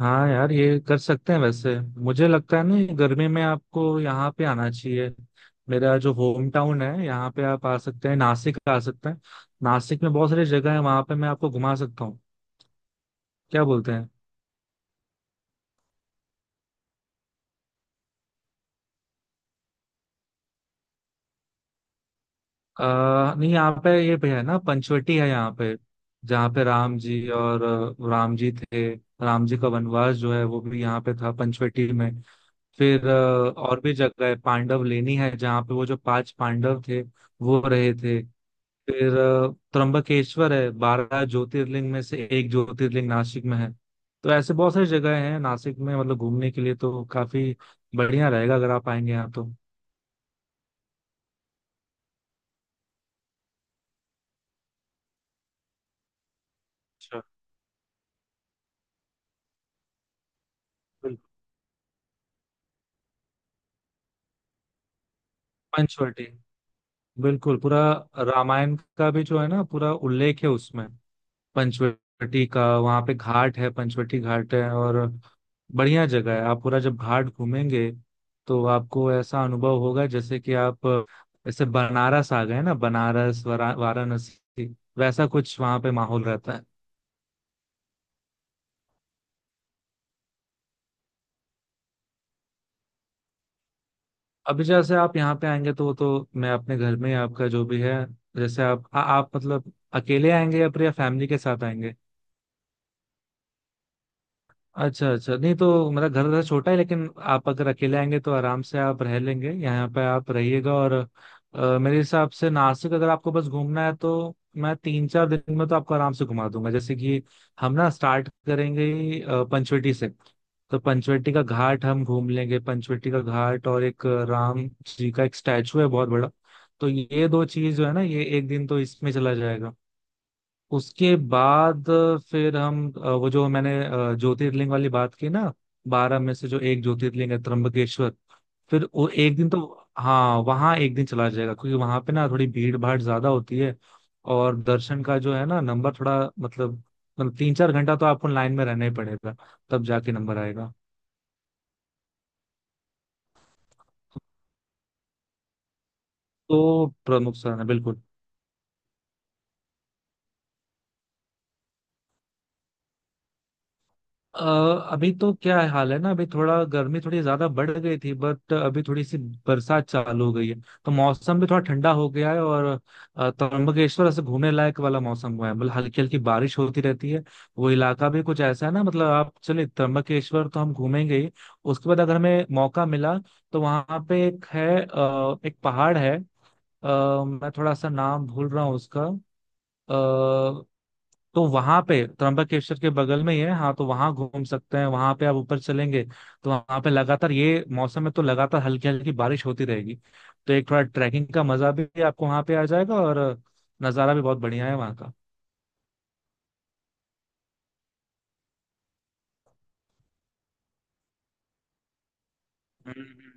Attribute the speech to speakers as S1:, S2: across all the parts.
S1: हाँ यार, ये कर सकते हैं वैसे। मुझे लगता है ना, ये गर्मी में आपको यहाँ पे आना चाहिए। मेरा जो होम टाउन है, यहाँ पे आप आ सकते हैं, नासिक आ सकते हैं। नासिक में बहुत सारी जगह है, वहाँ पे मैं आपको घुमा सकता हूँ। क्या बोलते हैं? नहीं, यहाँ पे ये भी है ना, पंचवटी है यहाँ पे, जहाँ पे राम जी और राम जी थे। राम जी का वनवास जो है वो भी यहाँ पे था, पंचवटी में। फिर और भी जगह है, पांडव लेनी है, जहाँ पे वो जो पांच पांडव थे, वो रहे थे। फिर त्र्यंबकेश्वर है, 12 ज्योतिर्लिंग में से एक ज्योतिर्लिंग नासिक में है। तो ऐसे बहुत सारी जगह हैं नासिक में, मतलब घूमने के लिए तो काफी बढ़िया रहेगा अगर आप आएंगे यहाँ तो। अच्छा। बिल्कुल। पंचवटी। बिल्कुल पूरा रामायण का भी जो है ना, पूरा उल्लेख है उसमें। पंचवटी का वहाँ पे घाट है, पंचवटी घाट है। और बढ़िया जगह है, आप पूरा जब घाट घूमेंगे तो आपको ऐसा अनुभव होगा जैसे कि आप जैसे बनारस आ गए ना, बनारस वाराणसी। वैसा कुछ वहाँ पे माहौल रहता है। अभी जैसे आप यहाँ पे आएंगे तो मैं अपने घर में ही आपका जो भी है। जैसे आप मतलब अकेले आएंगे या फिर फैमिली के साथ आएंगे? अच्छा अच्छा, नहीं तो मेरा घर वैसे छोटा है, लेकिन आप अगर अकेले आएंगे तो आराम से आप रह लेंगे, यहाँ पे आप रहिएगा। और मेरे हिसाब से नासिक अगर आपको बस घूमना है तो मैं 3-4 दिन में तो आपको आराम से घुमा दूंगा। जैसे कि हम ना स्टार्ट करेंगे ही, पंचवटी से। तो पंचवटी का घाट हम घूम लेंगे, पंचवटी का घाट और एक राम जी का एक स्टैचू है बहुत बड़ा। तो ये दो चीज जो है ना, ये एक दिन तो इसमें चला जाएगा। उसके बाद फिर हम वो जो मैंने ज्योतिर्लिंग वाली बात की ना, 12 में से जो एक ज्योतिर्लिंग है त्र्यंबकेश्वर। फिर वो एक दिन तो, हाँ, वहाँ एक दिन चला जाएगा क्योंकि वहाँ पे ना थोड़ी भीड़ भाड़ ज्यादा होती है। और दर्शन का जो है ना, नंबर थोड़ा मतलब 3-4 घंटा तो आपको लाइन में रहना ही पड़ेगा, तब जाके नंबर आएगा। तो प्रमुख स्थान है बिल्कुल। अ, अभी तो क्या हाल है ना, अभी थोड़ा गर्मी थोड़ी ज्यादा बढ़ गई थी, बट अभी थोड़ी सी बरसात चालू हो गई है। तो मौसम भी थोड़ा ठंडा हो गया है। और त्र्यंबकेश्वर ऐसे घूमने लायक वाला मौसम हुआ है, मतलब हल्की हल्की बारिश होती रहती है। वो इलाका भी कुछ ऐसा है ना, मतलब आप चलिए त्र्यंबकेश्वर तो हम घूमेंगे ही। उसके बाद अगर हमें मौका मिला तो वहां पे एक है, एक पहाड़ है। मैं थोड़ा सा नाम भूल रहा हूँ उसका। अ, तो वहां पे त्र्यंबकेश्वर के बगल में ही है, हाँ। तो वहां घूम सकते हैं, वहां पे आप ऊपर चलेंगे तो वहां पे लगातार ये मौसम में तो लगातार हल्की हल्की बारिश होती रहेगी। तो एक थोड़ा ट्रैकिंग का मजा भी आपको वहां पे आ जाएगा, और नज़ारा भी बहुत बढ़िया है वहाँ का। हम्म।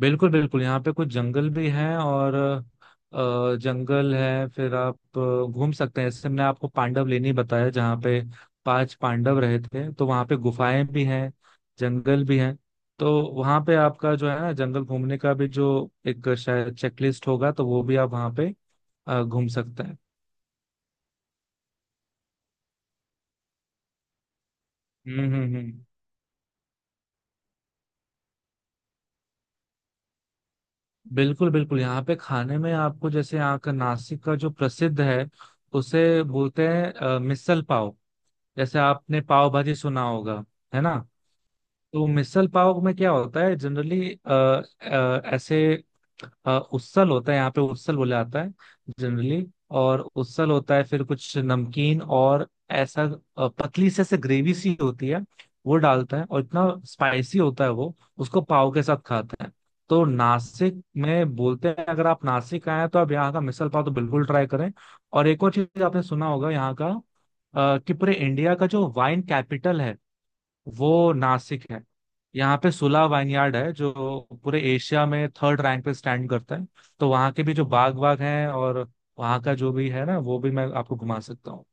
S1: बिल्कुल बिल्कुल, यहाँ पे कुछ जंगल भी हैं। और जंगल है, फिर आप घूम सकते हैं, जैसे मैंने आपको पांडव लेनी बताया जहाँ पे पांच पांडव रहे थे, तो वहाँ पे गुफाएं भी हैं, जंगल भी हैं। तो वहाँ पे आपका जो है ना, जंगल घूमने का भी जो एक शायद चेकलिस्ट होगा, तो वो भी आप वहाँ पे घूम सकते हैं। हम्म। बिल्कुल बिल्कुल, यहाँ पे खाने में आपको जैसे यहाँ का नासिक का जो प्रसिद्ध है उसे बोलते हैं मिसल पाव। जैसे आपने पाव भाजी सुना होगा, है ना? तो मिसल पाव में क्या होता है जनरली? ऐसे, उसल होता है, यहाँ पे उसल बोला जाता है जनरली। और उसल होता है, फिर कुछ नमकीन और ऐसा, पतली से ऐसे ग्रेवी सी होती है, वो डालता है और इतना स्पाइसी होता है वो। उसको पाव के साथ खाता है। तो नासिक में बोलते हैं, अगर आप नासिक आए हैं तो आप यहाँ का मिसल पाव तो बिल्कुल ट्राई करें। और एक और चीज आपने सुना होगा यहाँ का, कि पूरे इंडिया का जो वाइन कैपिटल है वो नासिक है। यहाँ पे सुला वाइनयार्ड है जो पूरे एशिया में थर्ड रैंक पे स्टैंड करता है। तो वहाँ के भी जो बाग वाग हैं, और वहाँ का जो भी है ना, वो भी मैं आपको घुमा सकता हूँ।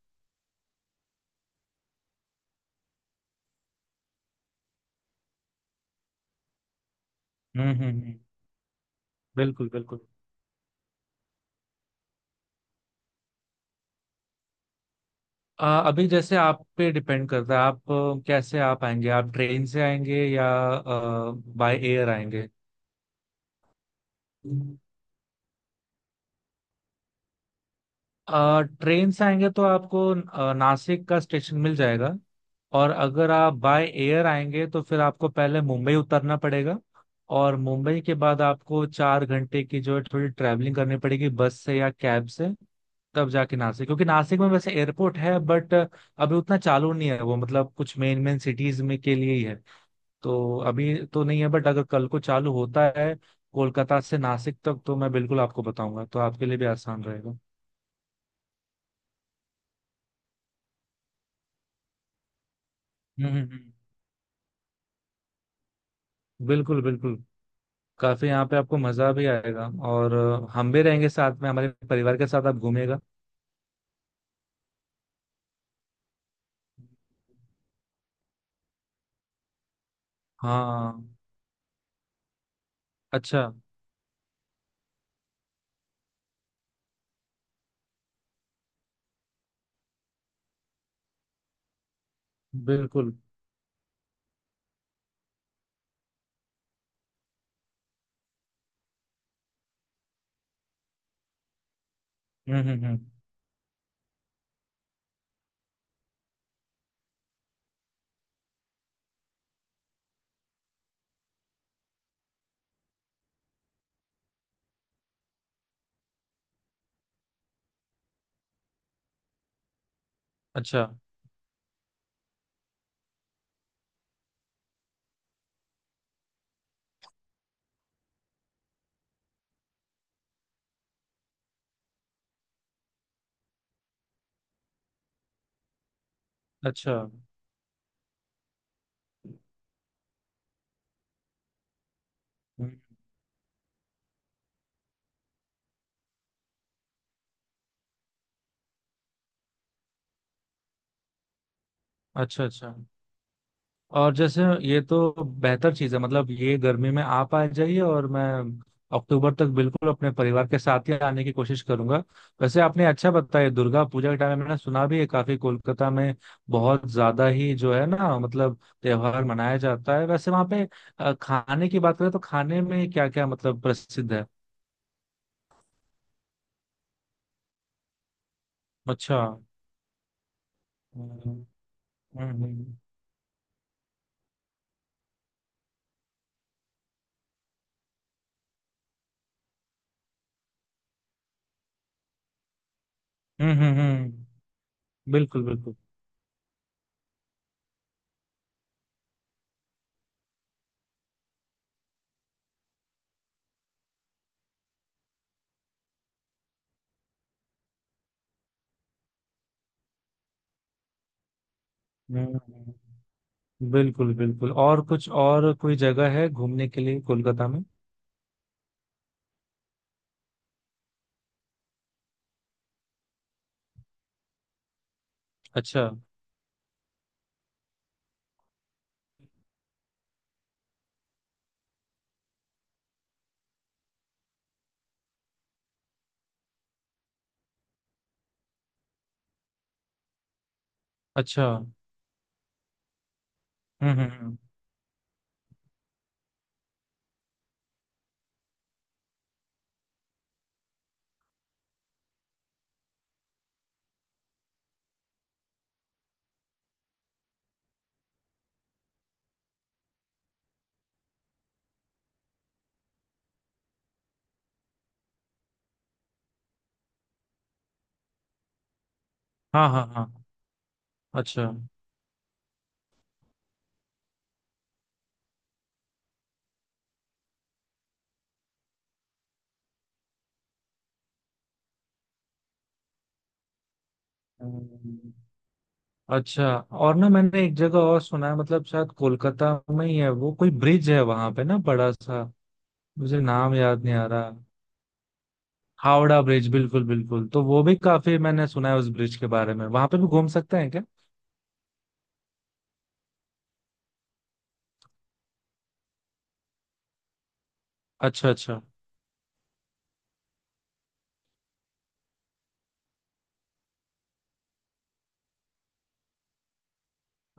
S1: हम्म हम्म हम्म। बिल्कुल बिल्कुल। अभी जैसे आप पे डिपेंड करता है, आप कैसे आप आएंगे, आप ट्रेन से आएंगे या बाय एयर आएंगे? ट्रेन से आएंगे तो आपको नासिक का स्टेशन मिल जाएगा। और अगर आप बाय एयर आएंगे तो फिर आपको पहले मुंबई उतरना पड़ेगा। और मुंबई के बाद आपको 4 घंटे की जो है थोड़ी ट्रैवलिंग करनी पड़ेगी, बस से या कैब से, तब जाके नासिक। क्योंकि नासिक में वैसे एयरपोर्ट है, बट अभी उतना चालू नहीं है वो, मतलब कुछ मेन मेन सिटीज में के लिए ही है। तो अभी तो नहीं है, बट अगर कल को चालू होता है कोलकाता से नासिक तक तो मैं बिल्कुल आपको बताऊंगा, तो आपके लिए भी आसान रहेगा। हम्म हम्म, हम्म। बिल्कुल बिल्कुल। काफी यहाँ पे आपको मजा भी आएगा और हम भी रहेंगे साथ में, हमारे परिवार के साथ आप घूमेगा। हाँ। अच्छा। बिल्कुल। हम्म। अच्छा अच्छा। हम्म। अच्छा अच्छा। और जैसे, ये तो बेहतर चीज है, मतलब ये गर्मी में आप आ जाइए और मैं अक्टूबर तक बिल्कुल अपने परिवार के साथ ही आने की कोशिश करूंगा। वैसे आपने अच्छा बताया, दुर्गा पूजा के टाइम में मैंने सुना भी है काफी। कोलकाता में बहुत ज्यादा ही जो है ना, मतलब त्योहार मनाया जाता है वैसे वहां पे। खाने की बात करें तो खाने में क्या क्या मतलब प्रसिद्ध है? अच्छा। हम्म हम्म। हम्म। बिल्कुल बिल्कुल। हम्म हम्म, हम्म। बिल्कुल बिल्कुल। और कुछ और कोई जगह है घूमने के लिए कोलकाता में? अच्छा अच्छा। हम्म हम्म। हाँ हाँ हाँ। अच्छा। हम्म। अच्छा, और ना मैंने एक जगह और सुना है, मतलब शायद कोलकाता में ही है, वो कोई ब्रिज है वहां पे ना बड़ा सा, मुझे नाम याद नहीं आ रहा। हावड़ा ब्रिज, बिल्कुल बिल्कुल, तो वो भी काफी मैंने सुना है उस ब्रिज के बारे में, वहां पे भी घूम सकते हैं क्या? अच्छा अच्छा।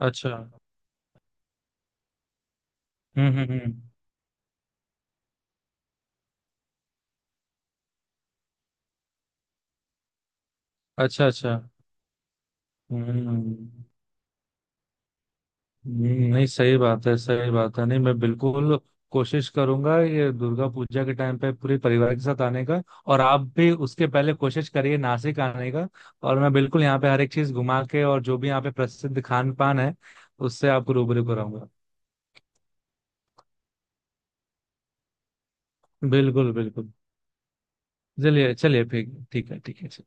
S1: अच्छा। हम्म। अच्छा अच्छा। हम्म हम्म, नहीं, सही बात है, सही बात है। नहीं, मैं बिल्कुल कोशिश करूंगा ये दुर्गा पूजा के टाइम पे पूरे परिवार के साथ आने का। और आप भी उसके पहले कोशिश करिए नासिक आने का। और मैं बिल्कुल यहाँ पे हर एक चीज घुमा के और जो भी यहाँ पे प्रसिद्ध खान पान है, उससे आपको रूबरू कराऊंगा। बिल्कुल बिल्कुल। चलिए चलिए फिर। ठीक है ठीक है।